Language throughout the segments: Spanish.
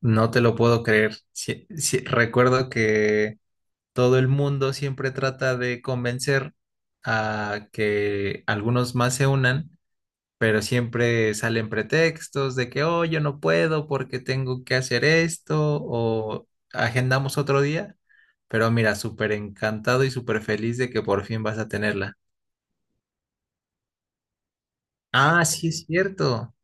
No te lo puedo creer. Sí, recuerdo que todo el mundo siempre trata de convencer a que algunos más se unan, pero siempre salen pretextos de que, oh, yo no puedo porque tengo que hacer esto o agendamos otro día. Pero mira, súper encantado y súper feliz de que por fin vas a tenerla. Ah, sí, es cierto.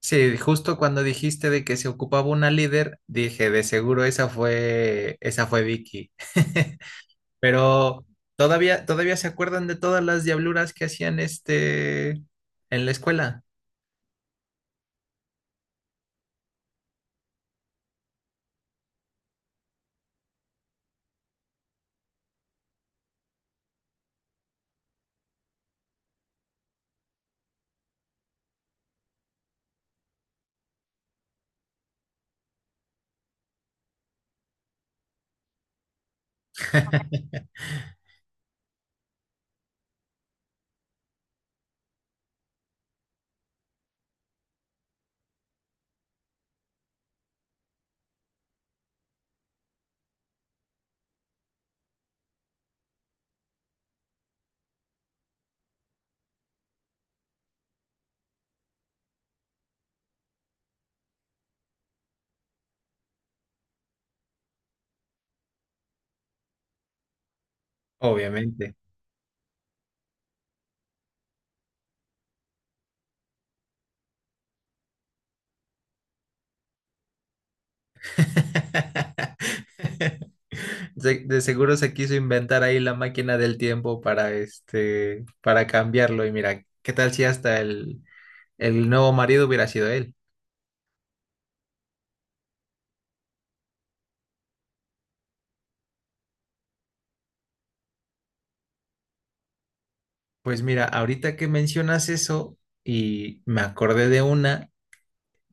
Sí, justo cuando dijiste de que se ocupaba una líder, dije, de seguro esa fue Vicky. Pero todavía se acuerdan de todas las diabluras que hacían este en la escuela. Obviamente. De seguro se quiso inventar ahí la máquina del tiempo para este, para cambiarlo. Y mira, ¿qué tal si hasta el nuevo marido hubiera sido él? Pues mira, ahorita que mencionas eso y me acordé de una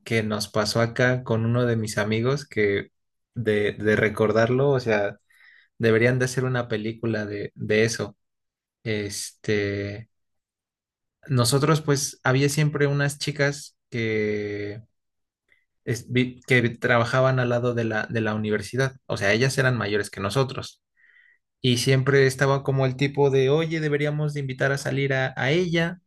que nos pasó acá con uno de mis amigos que de recordarlo, o sea, deberían de hacer una película de eso. Este, nosotros pues había siempre unas chicas que, que trabajaban al lado de la universidad, o sea, ellas eran mayores que nosotros y siempre estaba como el tipo de, oye, deberíamos de invitar a salir a ella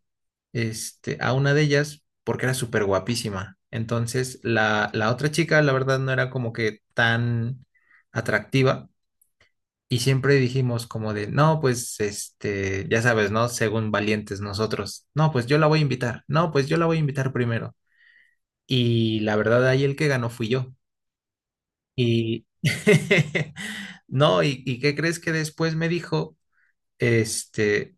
este, a una de ellas porque era súper guapísima. Entonces, la otra chica, la verdad, no era como que tan atractiva. Y siempre dijimos como de, no, pues, este, ya sabes, ¿no? Según valientes nosotros. No, pues yo la voy a invitar. No, pues yo la voy a invitar primero. Y la verdad, ahí el que ganó fui yo. Y… No, ¿y qué crees que después me dijo? Este,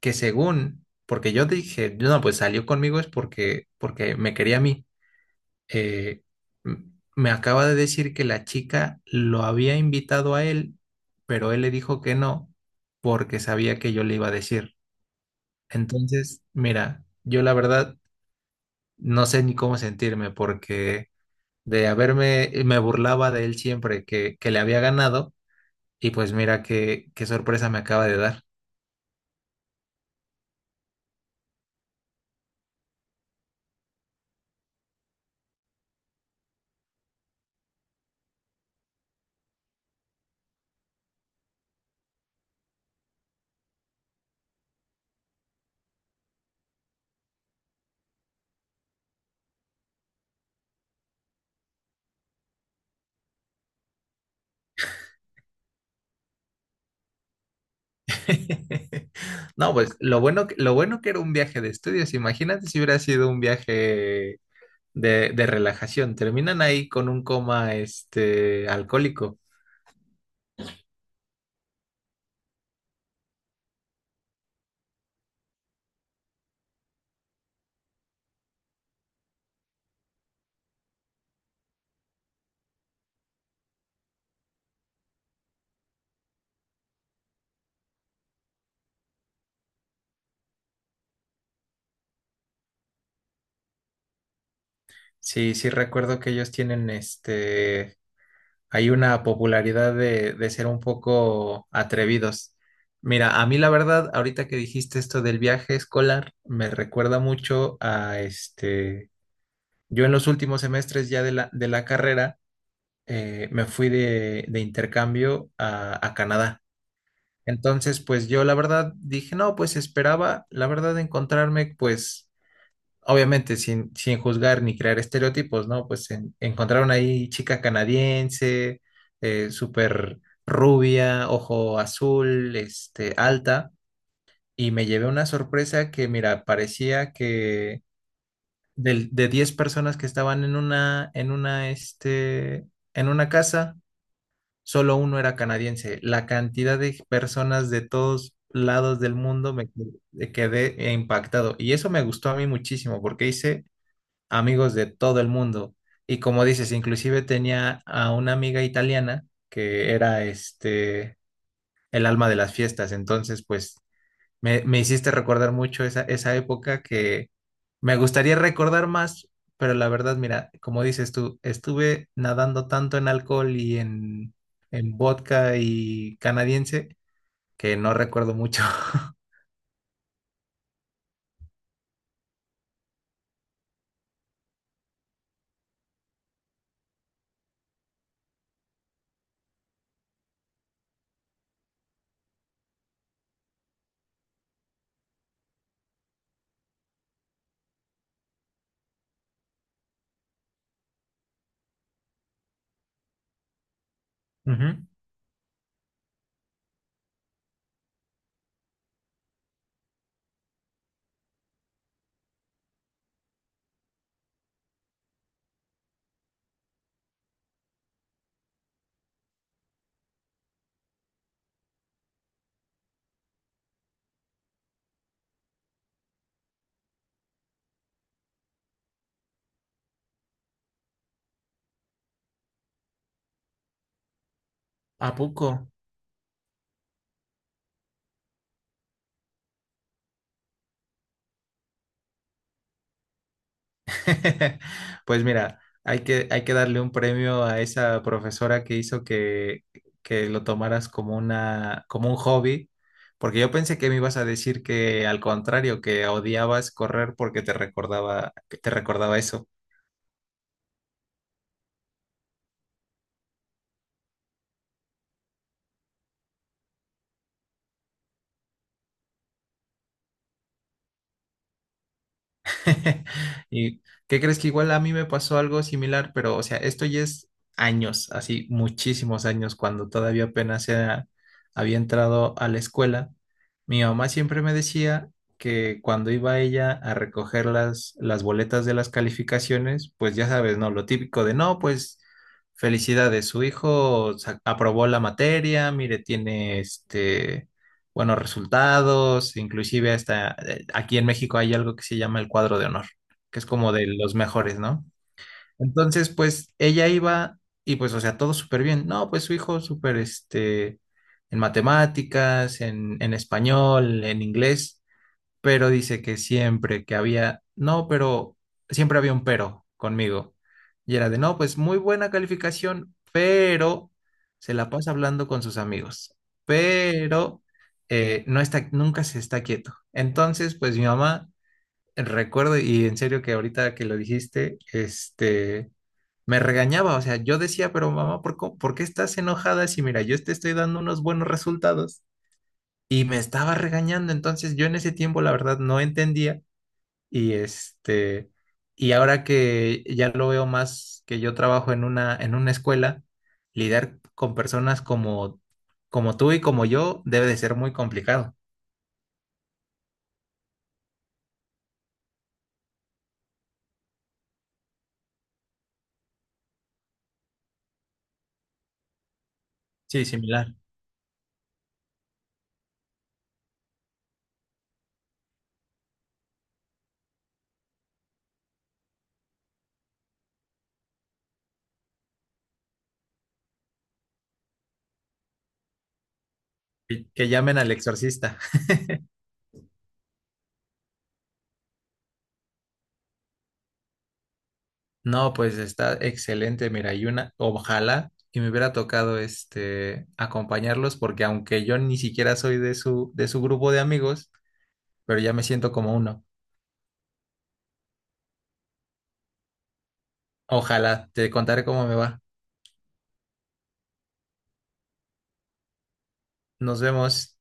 que según, porque yo dije, no, pues salió conmigo es porque, porque me quería a mí. Eh, m- me acaba de decir que la chica lo había invitado a él, pero él le dijo que no, porque sabía que yo le iba a decir. Entonces, mira, yo la verdad no sé ni cómo sentirme, porque de haberme, me burlaba de él siempre que le había ganado, y pues mira qué, qué sorpresa me acaba de dar. No, pues lo bueno, lo bueno que era un viaje de estudios. Imagínate si hubiera sido un viaje de relajación. Terminan ahí con un coma este alcohólico. Sí, sí recuerdo que ellos tienen este hay una popularidad de ser un poco atrevidos. Mira, a mí la verdad, ahorita que dijiste esto del viaje escolar, me recuerda mucho a este. Yo en los últimos semestres ya de la carrera me fui de intercambio a Canadá. Entonces, pues yo la verdad dije, no, pues esperaba, la verdad, encontrarme, pues, obviamente sin juzgar ni crear estereotipos, ¿no? Pues encontraron ahí chica canadiense, súper rubia, ojo azul, este, alta, y me llevé una sorpresa que, mira, parecía que de 10 personas que estaban en una, este, en una casa, solo uno era canadiense. La cantidad de personas de todos lados del mundo quedé impactado. Y eso me gustó a mí muchísimo porque hice amigos de todo el mundo. Y como dices, inclusive tenía a una amiga italiana que era este el alma de las fiestas. Entonces, pues me hiciste recordar mucho esa, esa época que me gustaría recordar más, pero la verdad, mira, como dices tú, estuve nadando tanto en alcohol y en vodka y canadiense que no recuerdo mucho. Ujú. ¿A poco? Pues mira, hay que darle un premio a esa profesora que hizo que lo tomaras como una, como un hobby, porque yo pensé que me ibas a decir que al contrario, que odiabas correr porque te recordaba, que te recordaba eso. ¿Y qué crees que igual a mí me pasó algo similar? Pero, o sea, esto ya es años, así muchísimos años, cuando todavía había entrado a la escuela. Mi mamá siempre me decía que cuando iba ella a recoger las boletas de las calificaciones, pues ya sabes, ¿no? Lo típico de, no, pues felicidades, aprobó la materia, mire, tiene este buenos resultados, inclusive hasta aquí en México hay algo que se llama el cuadro de honor, que es como de los mejores, ¿no? Entonces, pues ella iba y pues, o sea, todo súper bien. No, pues su hijo súper, este, en matemáticas, en español, en inglés, pero dice que siempre que había, no, pero siempre había un pero conmigo. Y era de, no, pues muy buena calificación, pero se la pasa hablando con sus amigos, pero no está, nunca se está quieto. Entonces, pues mi mamá, recuerdo, y en serio que ahorita que lo dijiste, este, me regañaba, o sea, yo decía, pero mamá, ¿ por qué estás enojada si mira, yo te estoy dando unos buenos resultados? Y me estaba regañando, entonces yo en ese tiempo la verdad no entendía y este, y ahora que ya lo veo más que yo trabajo en una escuela, lidiar con personas como, como tú y como yo debe de ser muy complicado. Sí, similar. Que llamen al exorcista. No, pues está excelente, mira, y una, ojalá y me hubiera tocado este acompañarlos, porque aunque yo ni siquiera soy de su grupo de amigos, pero ya me siento como uno. Ojalá, te contaré cómo me va. Nos vemos.